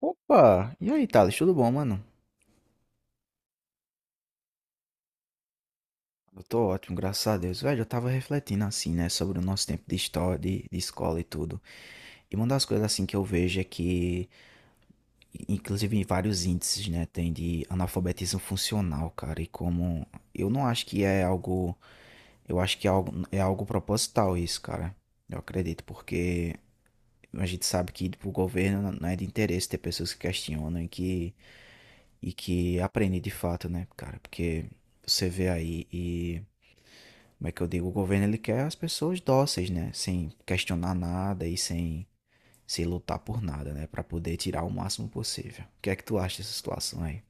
Opa! E aí, Thales, tudo bom, mano? Eu tô ótimo, graças a Deus. Velho, eu tava refletindo assim, né, sobre o nosso tempo de história, de escola e tudo. E uma das coisas assim que eu vejo é que, inclusive em vários índices, né, tem de analfabetismo funcional, cara. E como eu não acho que é algo, eu acho que é algo proposital isso, cara. Eu acredito, porque a gente sabe que pro governo não é de interesse ter pessoas que questionam e que aprendem de fato, né, cara? Porque você vê aí e. Como é que eu digo? O governo ele quer as pessoas dóceis, né? Sem questionar nada e sem se lutar por nada, né? Para poder tirar o máximo possível. O que é que tu acha dessa situação aí?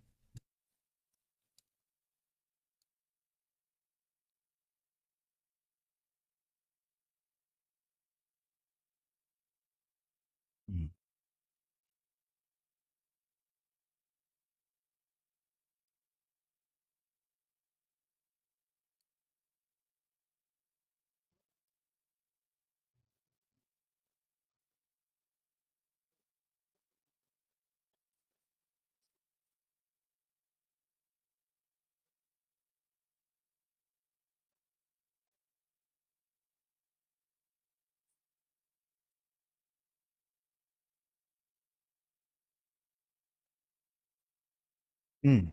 Hum. Hum,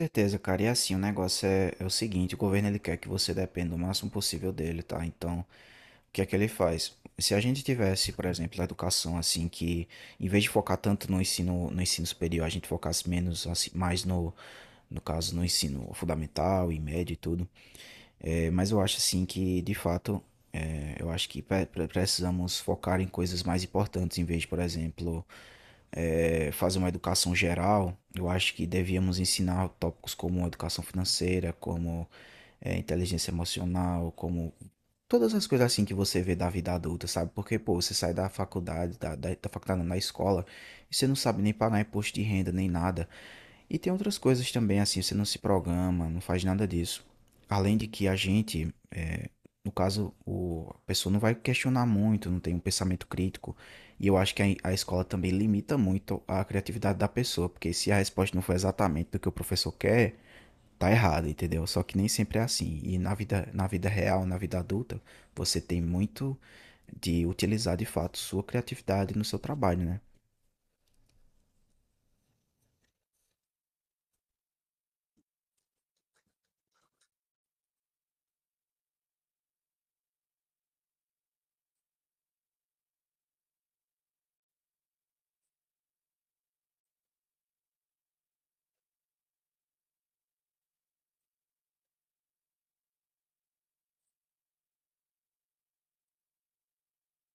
certeza, cara. E assim, o negócio é o seguinte, o governo ele quer que você dependa o máximo possível dele, tá? Então, o que é que ele faz? Se a gente tivesse, por exemplo, a educação assim que em vez de focar tanto no ensino, no ensino superior, a gente focasse menos assim, mais no caso no ensino fundamental e médio e tudo. É, mas eu acho assim que, de fato, é, eu acho que precisamos focar em coisas mais importantes, em vez de, por exemplo, é, fazer uma educação geral. Eu acho que devíamos ensinar tópicos como educação financeira, como é, inteligência emocional, como todas as coisas assim que você vê da vida adulta, sabe? Porque, pô, você sai da faculdade, da faculdade, não, da escola, e você não sabe nem pagar imposto de renda, nem nada. E tem outras coisas também, assim, você não se programa, não faz nada disso. Além de que a gente, é, no caso, o, a pessoa não vai questionar muito, não tem um pensamento crítico. E eu acho que a escola também limita muito a criatividade da pessoa, porque se a resposta não for exatamente do que o professor quer, tá errado, entendeu? Só que nem sempre é assim. E na vida real, na vida adulta, você tem muito de utilizar de fato sua criatividade no seu trabalho, né?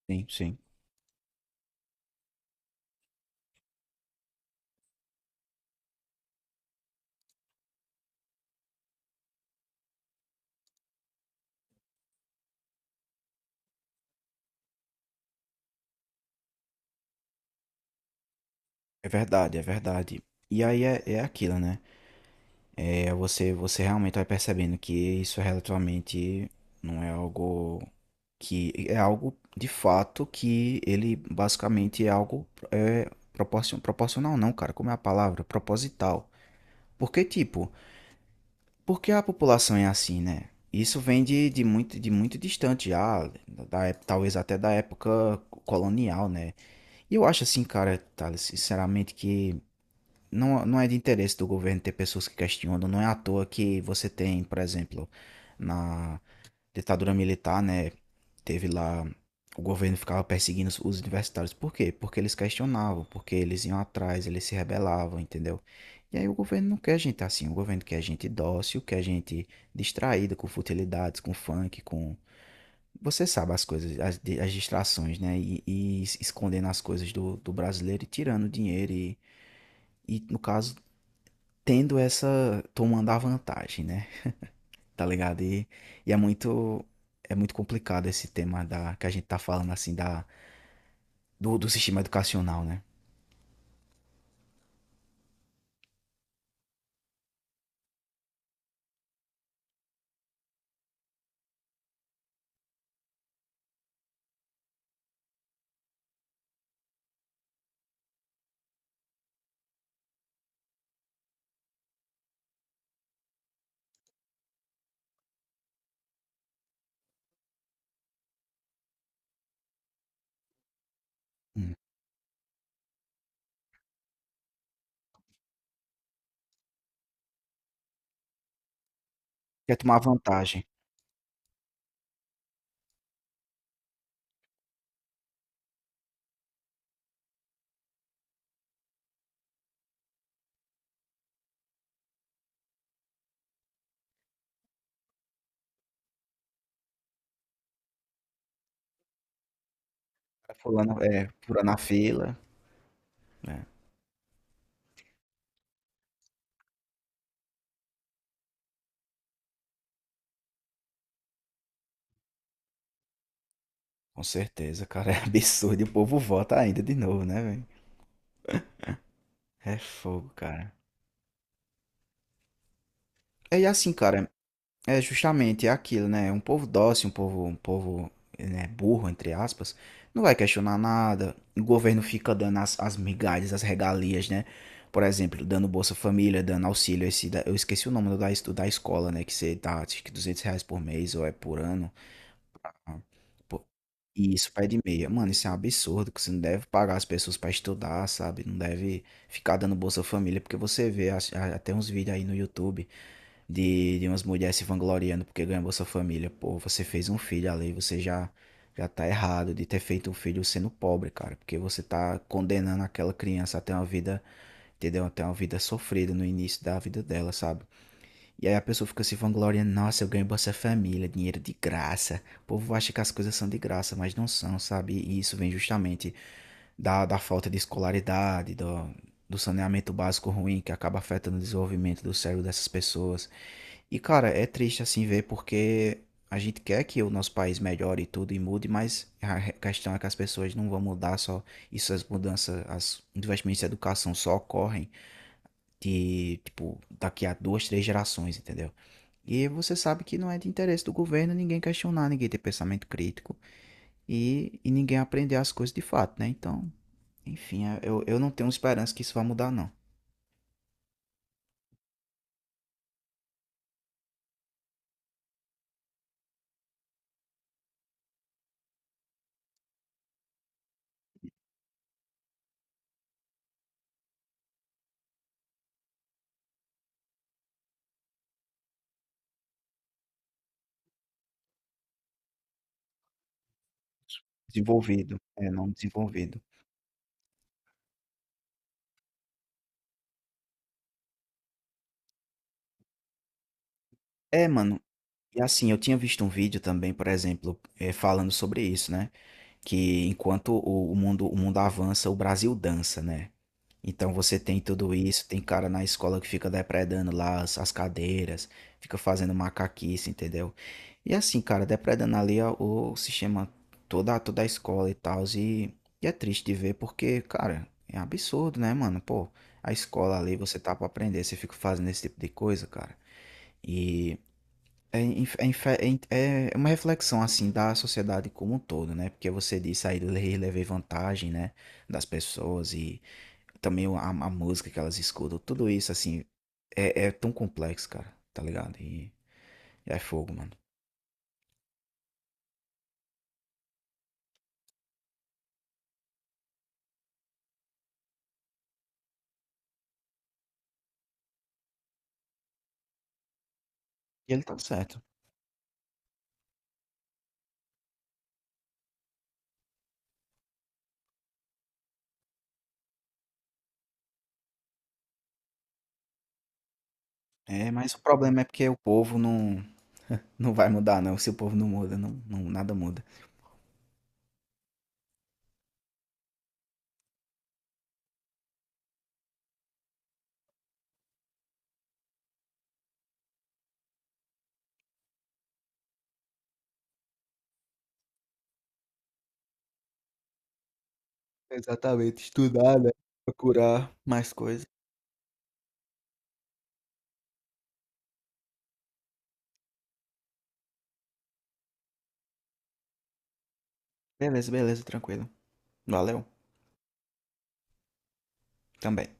Sim, sim. É verdade, é verdade. E aí é, é aquilo, né? É, você realmente vai percebendo que isso é relativamente não é algo que é algo de fato que ele basicamente é algo é, proporcional não, cara, como é a palavra? Proposital. Porque tipo, porque a população é assim, né? Isso vem de muito distante já, da, talvez até da época colonial, né? E eu acho assim, cara, Thales, sinceramente que não, não é de interesse do governo ter pessoas que questionam. Não é à toa que você tem, por exemplo, na ditadura militar, né? Teve lá. O governo ficava perseguindo os universitários. Por quê? Porque eles questionavam, porque eles iam atrás, eles se rebelavam, entendeu? E aí o governo não quer gente assim. O governo quer gente dócil, quer gente distraída com futilidades, com funk, com. Você sabe as coisas, as, as distrações, né? E, escondendo as coisas do, do brasileiro e tirando dinheiro e. E no caso tendo essa, tomando a vantagem, né? Tá ligado? E é muito complicado esse tema da que a gente tá falando assim da do, do sistema educacional, né? Hum. Quer tomar vantagem. Fulano é fura na fila, né? Com certeza, cara, é absurdo. E o povo vota ainda de novo, né, velho? É fogo, cara. É e assim, cara, é justamente aquilo, né? Um povo dócil, um povo, né, burro, entre aspas, não vai questionar nada. O governo fica dando as, as migalhas, as regalias, né? Por exemplo, dando Bolsa Família, dando auxílio. Esse, eu esqueci o nome do da, do da escola, né? Que você dá, acho que R$ 200 por mês ou é por ano. Ah, pô, e isso, pé de meia. Mano, isso é um absurdo, que você não deve pagar as pessoas pra estudar, sabe? Não deve ficar dando Bolsa Família, porque você vê até uns vídeos aí no YouTube de umas mulheres se vangloriando porque ganhou Bolsa Família. Pô, você fez um filho ali, você já já tá errado de ter feito um filho sendo pobre, cara, porque você tá condenando aquela criança a ter uma vida, entendeu? Até uma vida sofrida no início da vida dela, sabe? E aí a pessoa fica se vangloriando, nossa, eu ganho Bolsa Família, dinheiro de graça. O povo acha que as coisas são de graça, mas não são, sabe? E isso vem justamente da, da falta de escolaridade, do, do saneamento básico ruim que acaba afetando o desenvolvimento do cérebro dessas pessoas. E cara, é triste assim ver porque a gente quer que o nosso país melhore e tudo e mude, mas a questão é que as pessoas não vão mudar só. Isso, as mudanças, as os investimentos em educação só ocorrem de, tipo, daqui a duas, três gerações, entendeu? E você sabe que não é de interesse do governo ninguém questionar, ninguém ter pensamento crítico e ninguém aprender as coisas de fato, né? Então, enfim, eu não tenho esperança que isso vá mudar, não. Desenvolvido, é, não desenvolvido. É, mano, e assim, eu tinha visto um vídeo também, por exemplo, falando sobre isso, né? Que enquanto o mundo avança, o Brasil dança, né? Então você tem tudo isso, tem cara na escola que fica depredando lá as, as cadeiras, fica fazendo macaquice, entendeu? E assim, cara, depredando ali o sistema, toda, toda a escola e tal, e é triste de ver porque, cara, é absurdo, né, mano? Pô, a escola ali, você tá pra aprender, você fica fazendo esse tipo de coisa, cara. É, é uma reflexão assim da sociedade como um todo, né? Porque você disse aí levei vantagem, né? Das pessoas e também a música que elas escutam, tudo isso assim é, é tão complexo, cara, tá ligado? E é fogo, mano. E ele tá certo. É, mas o problema é porque o povo não, não vai mudar, não. Se o povo não muda, não, não, nada muda. Exatamente, estudar, né? Procurar mais coisas. Beleza, beleza, tranquilo. Valeu, também.